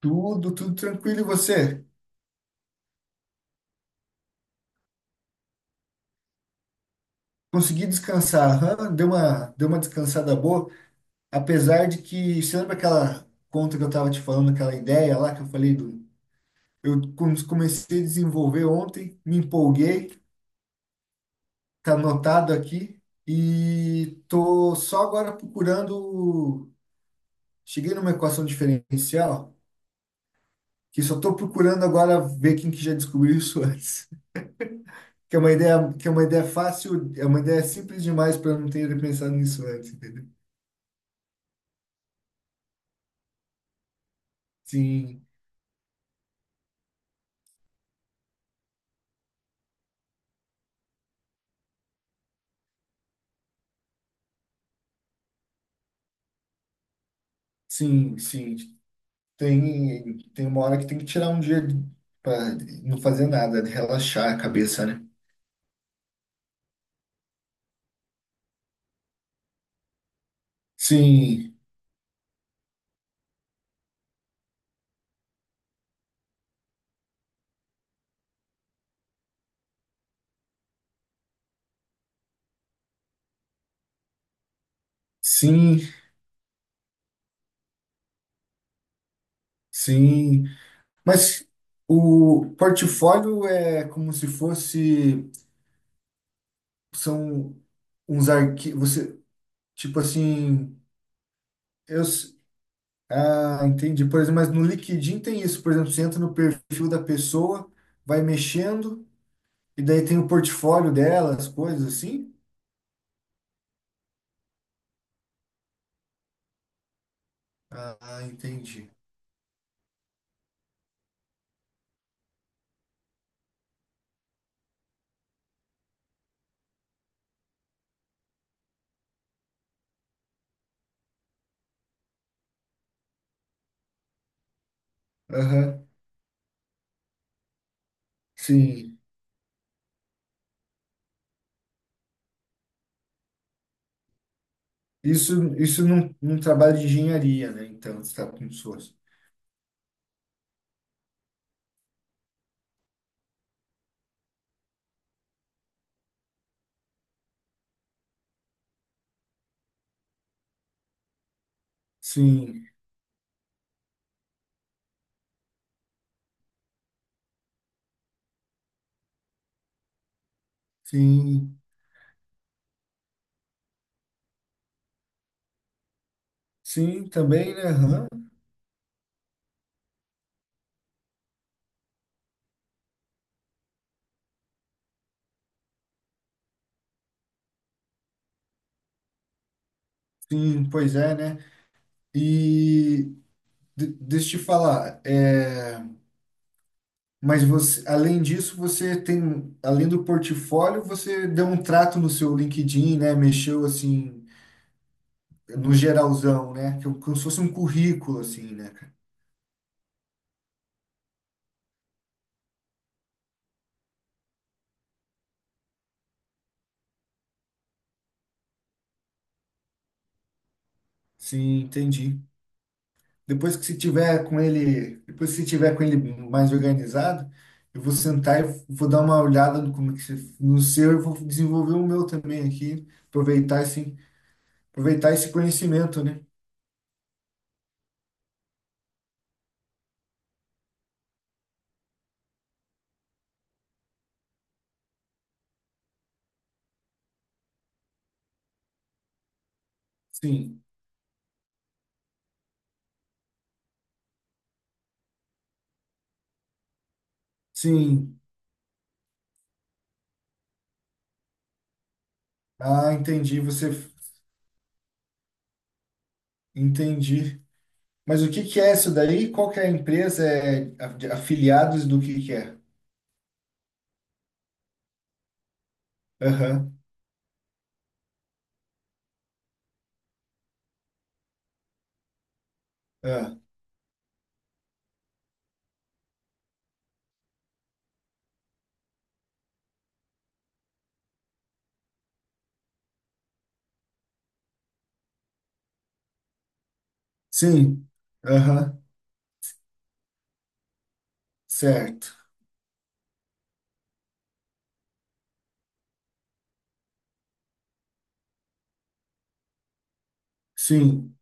Tudo tranquilo. E você? Consegui descansar? Aham, deu uma descansada boa. Apesar de que, você lembra aquela conta que eu estava te falando, aquela ideia lá que eu falei do. Eu comecei a desenvolver ontem, me empolguei, tá anotado aqui, e tô só agora procurando. Cheguei numa equação diferencial, que só tô procurando agora ver quem que já descobriu isso antes. Que é uma ideia, que é uma ideia fácil, é uma ideia simples demais para eu não ter pensado nisso antes, entendeu? Sim, sim, sim. Tem uma hora que tem que tirar um dia para não fazer nada, né? Relaxar a cabeça, né? Sim, sim, sim. Mas o portfólio é como se fosse, são uns arquivos, você, tipo assim, eu, ah, entendi. Por exemplo, mas no LinkedIn tem isso, por exemplo, você entra no perfil da pessoa, vai mexendo, e daí tem o portfólio dela, as coisas assim. Ah, entendi. Aham, sim. Isso num trabalho de engenharia, né? Então, você está com suas. Sim, sim, sim, também, né? Aham. Sim, pois é, né? E deixa eu te falar, é, mas você, além disso, você tem, além do portfólio, você deu um trato no seu LinkedIn, né? Mexeu assim, no geralzão, né? Que é como se fosse um currículo, assim, né? Sim, entendi. Depois que se tiver com ele, depois que se tiver com ele mais organizado, eu vou sentar e vou dar uma olhada no como é que no seu e vou desenvolver o meu também aqui, aproveitar esse, conhecimento, né? Sim. Sim. Ah, entendi, você entendi. Mas o que que é isso daí? Qual que é a empresa? É afiliados do que é? Aham. Ah, sim. Aham. Certo. Sim.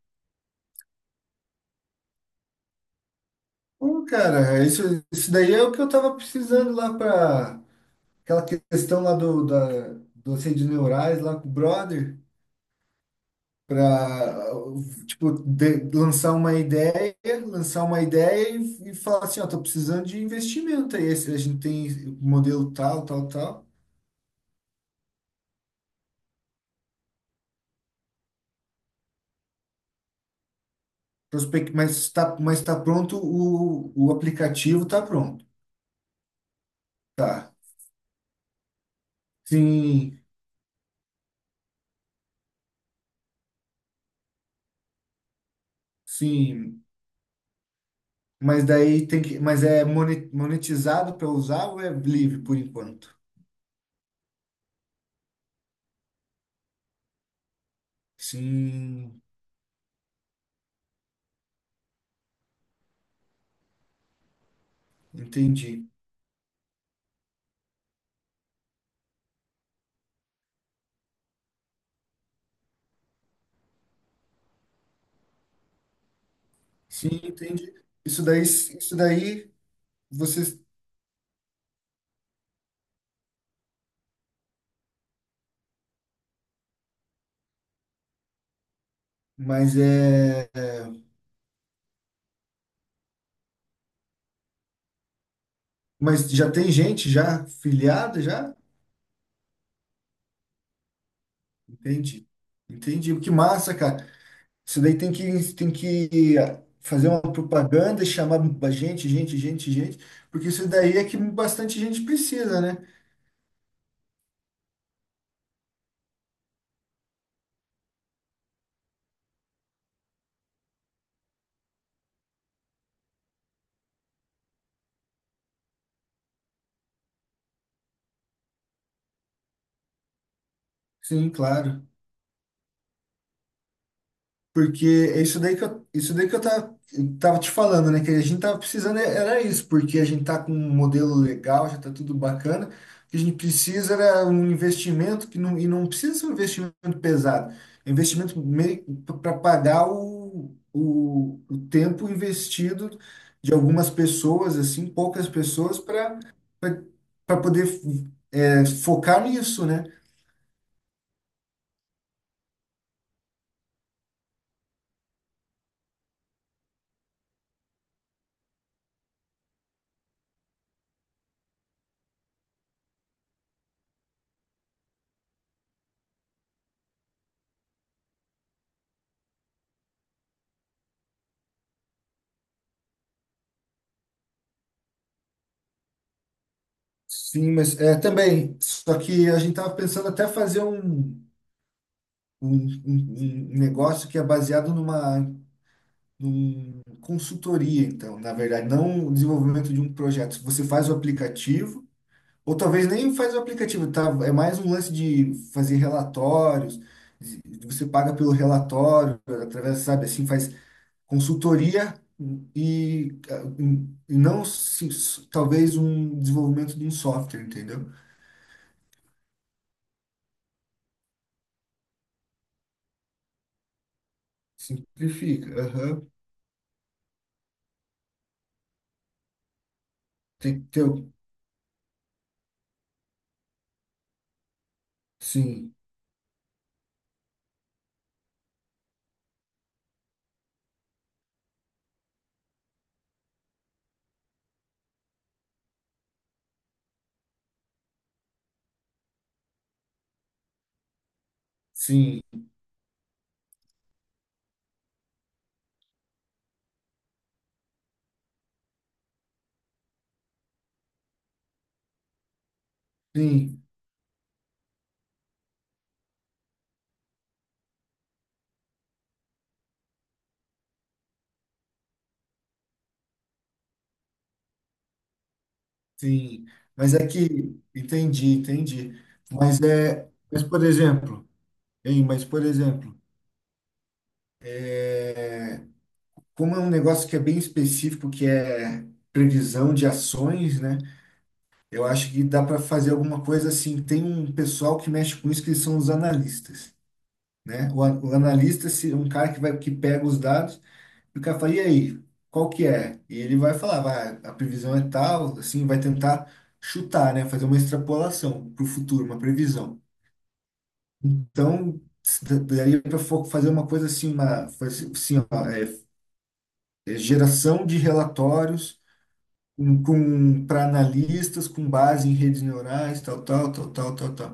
Pô, cara, isso daí é o que eu tava precisando lá para aquela questão lá do, da, do de neurais lá com o brother, para tipo, lançar uma ideia e falar assim, ó, tô precisando de investimento aí, a gente tem o modelo tal, tal, tal, prospect, mas tá pronto, o aplicativo tá pronto, tá, sim, sim. Mas daí tem que, mas é monetizado para usar ou é livre por enquanto? Sim, entendi. Sim, entendi. Isso daí vocês, mas é, mas já tem gente já filiada já? Entendi. Entendi. Que massa, cara. Isso daí tem que fazer uma propaganda e chamar gente, gente, gente, gente, porque isso daí é que bastante gente precisa, né? Sim, claro. Porque é isso daí que eu, isso daí que eu tava, te falando, né? Que a gente tava precisando, era isso, porque a gente tá com um modelo legal, já tá tudo bacana. O que a gente precisa era um investimento que não, e não precisa ser um investimento pesado. É um investimento meio para pagar o tempo investido de algumas pessoas, assim, poucas pessoas, para poder focar nisso, né? Sim, mas é, também, só que a gente estava pensando até fazer um, um, um negócio que é baseado numa, consultoria, então, na verdade, não o desenvolvimento de um projeto. Você faz o aplicativo, ou talvez nem faz o aplicativo, tá? É mais um lance de fazer relatórios, de- você paga pelo relatório, através, sabe, assim, faz consultoria e, ah, e não talvez um desenvolvimento de um software, entendeu? Simplifica. Aham. Tem que ter, sim, sim, sim. Sim, mas é que entendi, entendi. Mas é, mas por exemplo, hein, mas por exemplo, como é um negócio que é bem específico, que é previsão de ações, né? Eu acho que dá para fazer alguma coisa assim. Tem um pessoal que mexe com isso que são os analistas, né? O analista é um cara que vai que pega os dados e o cara fala, e aí, qual que é? E ele vai falar, vai, a previsão é tal, assim, vai tentar chutar, né? Fazer uma extrapolação para o futuro, uma previsão. Então, daria para fazer uma coisa assim, uma assim, ó, é, geração de relatórios com, para analistas com base em redes neurais, tal, tal, tal, tal, tal, tal.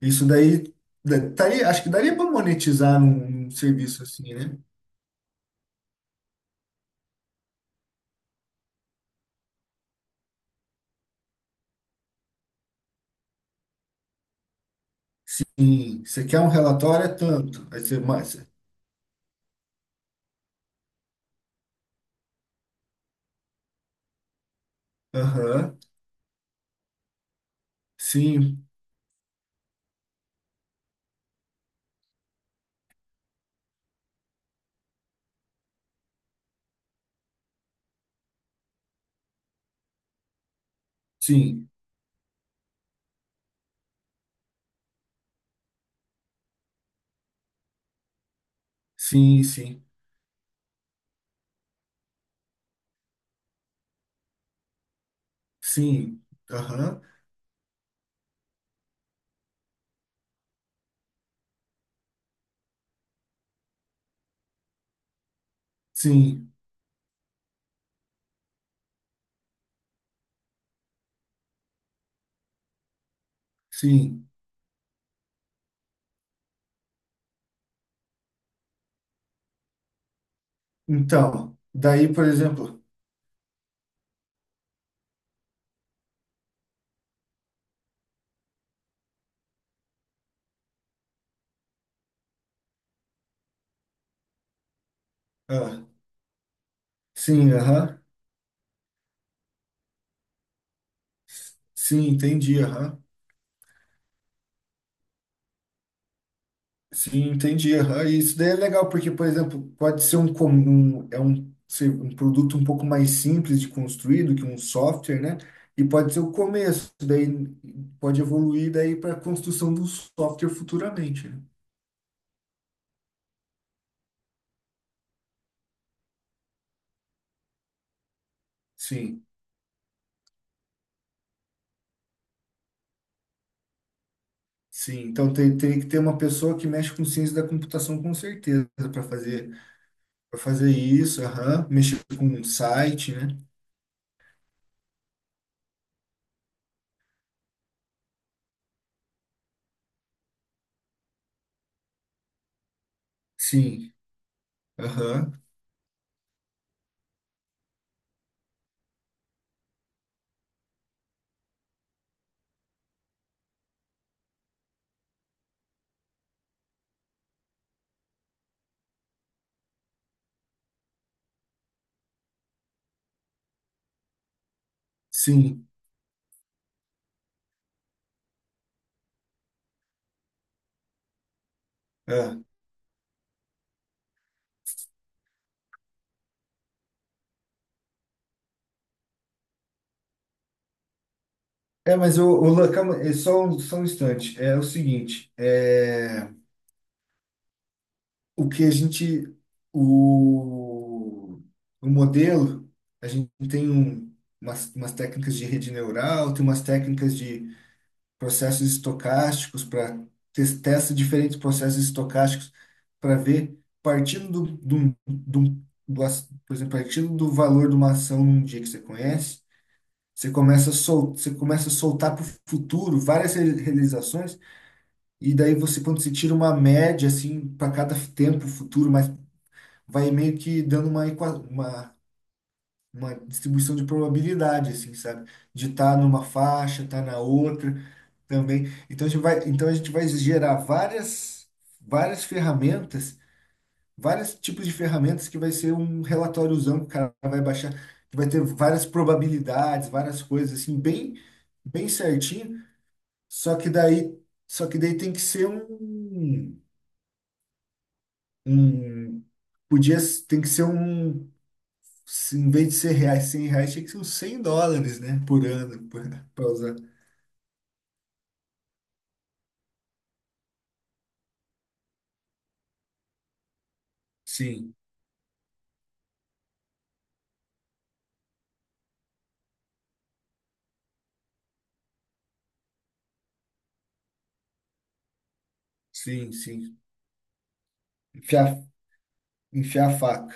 Isso daí acho que daria para monetizar num, serviço assim, né? Sim, você quer um relatório é tanto, aí você mais. Aham. Sim, sim, sim, sim, sim. Aham. Sim, sim. Então, daí, por exemplo, ah, sim, aham. Sim, entendi, aham. Sim, entendi, aham. E isso daí é legal, porque, por exemplo, pode ser um, ser um produto um pouco mais simples de construir do que um software, né? E pode ser o começo, daí pode evoluir daí para a construção do software futuramente, né? Sim, sim. Então teria que ter uma pessoa que mexe com ciência da computação com certeza para fazer, isso, aham. Mexer com um site, né? Sim, aham. Sim. É. É, mas o calma, é só, só um instante. É o seguinte, o que a gente, o, o modelo, a gente tem um, umas técnicas de rede neural, tem umas técnicas de processos estocásticos para testa diferentes processos estocásticos para ver partindo do, por exemplo, partindo do valor de uma ação num dia que você conhece, você começa a soltar para o futuro várias realizações. E daí você, quando você tira uma média, assim, para cada tempo futuro, mas vai meio que dando uma, uma distribuição de probabilidade, assim, sabe? De estar numa faixa, estar na outra também. Então a gente vai gerar várias, várias ferramentas, vários tipos de ferramentas que vai ser um relatóriozão que o cara vai baixar, que vai ter várias probabilidades, várias coisas, assim, bem, bem certinho. Só que daí, só que daí tem que ser um. Um podia tem que ser um, se em vez de ser reais, R$ 100, tinha que ser uns US$ 100, né, por ano para usar. Sim, sim, sim. Enfiar, enfiar a faca,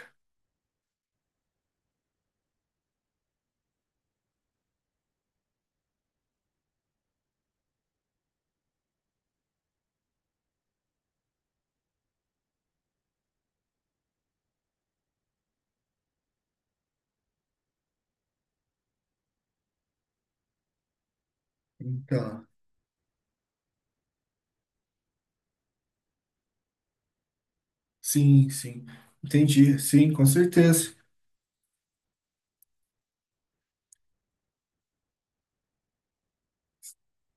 então. Sim, sim, entendi. Sim, com certeza.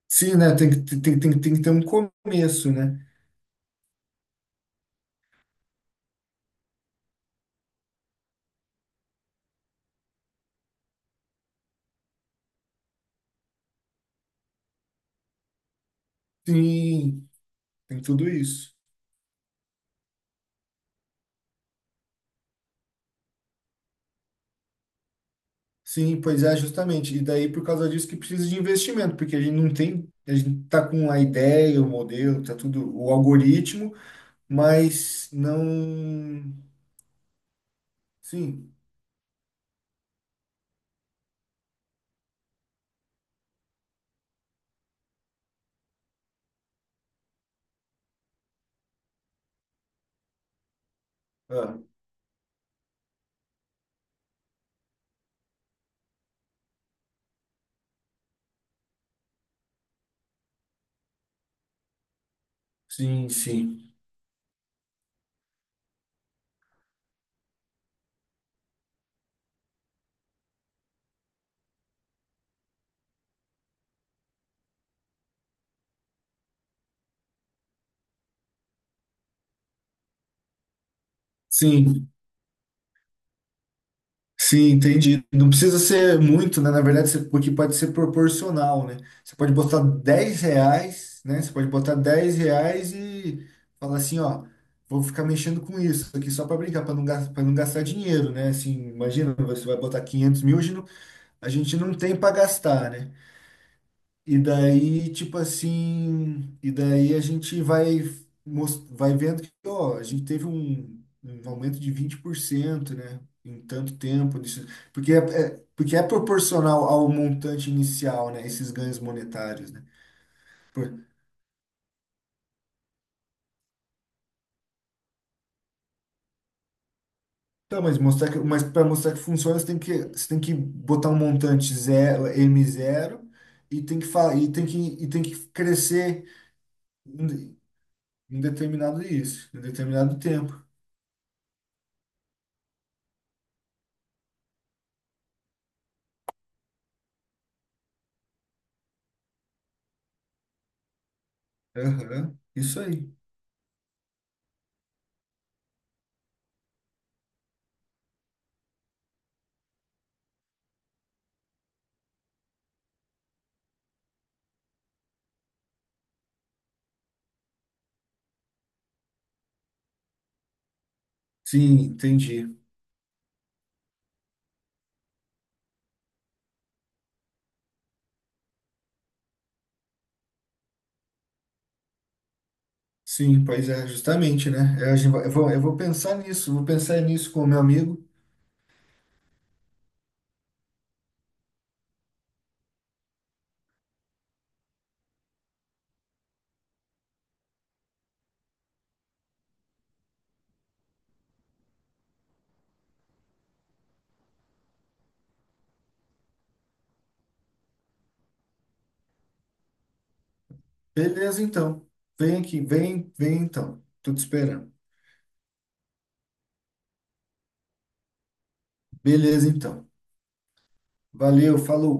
Sim, né, tem, tem que ter um começo, né. Sim, tem tudo isso. Sim, pois é, justamente. E daí, por causa disso, que precisa de investimento, porque a gente não tem, a gente tá com a ideia, o modelo, tá tudo, o algoritmo, mas não. Sim, ah, sim, sim. Sim, sim, entendi. Não precisa ser muito, né? Na verdade, porque pode ser proporcional, né? Você pode botar R$ 10, né? Você pode botar 10 reais e falar assim, ó, vou ficar mexendo com isso aqui só para brincar, para não, pra não gastar dinheiro, né? Assim, imagina, você vai botar 500 mil, hoje a gente não tem para gastar, né? E daí, tipo assim, e daí a gente vai, vai vendo que, ó, a gente teve um, aumento de 20%, né? Em tanto tempo, nisso, porque porque é proporcional ao montante inicial, né? Esses ganhos monetários, né? Por- tá, mas mostrar que, mas para mostrar que funciona, você tem que, botar um montante zero, m zero, e tem que, e tem que crescer em, em determinado isso, em determinado tempo. Aham, isso aí. Sim, entendi. Sim, pois é, justamente, né? Eu vou, pensar nisso, vou pensar nisso com o meu amigo. Beleza, então. Vem aqui, vem, vem então. Tô te esperando. Beleza, então. Valeu, falou.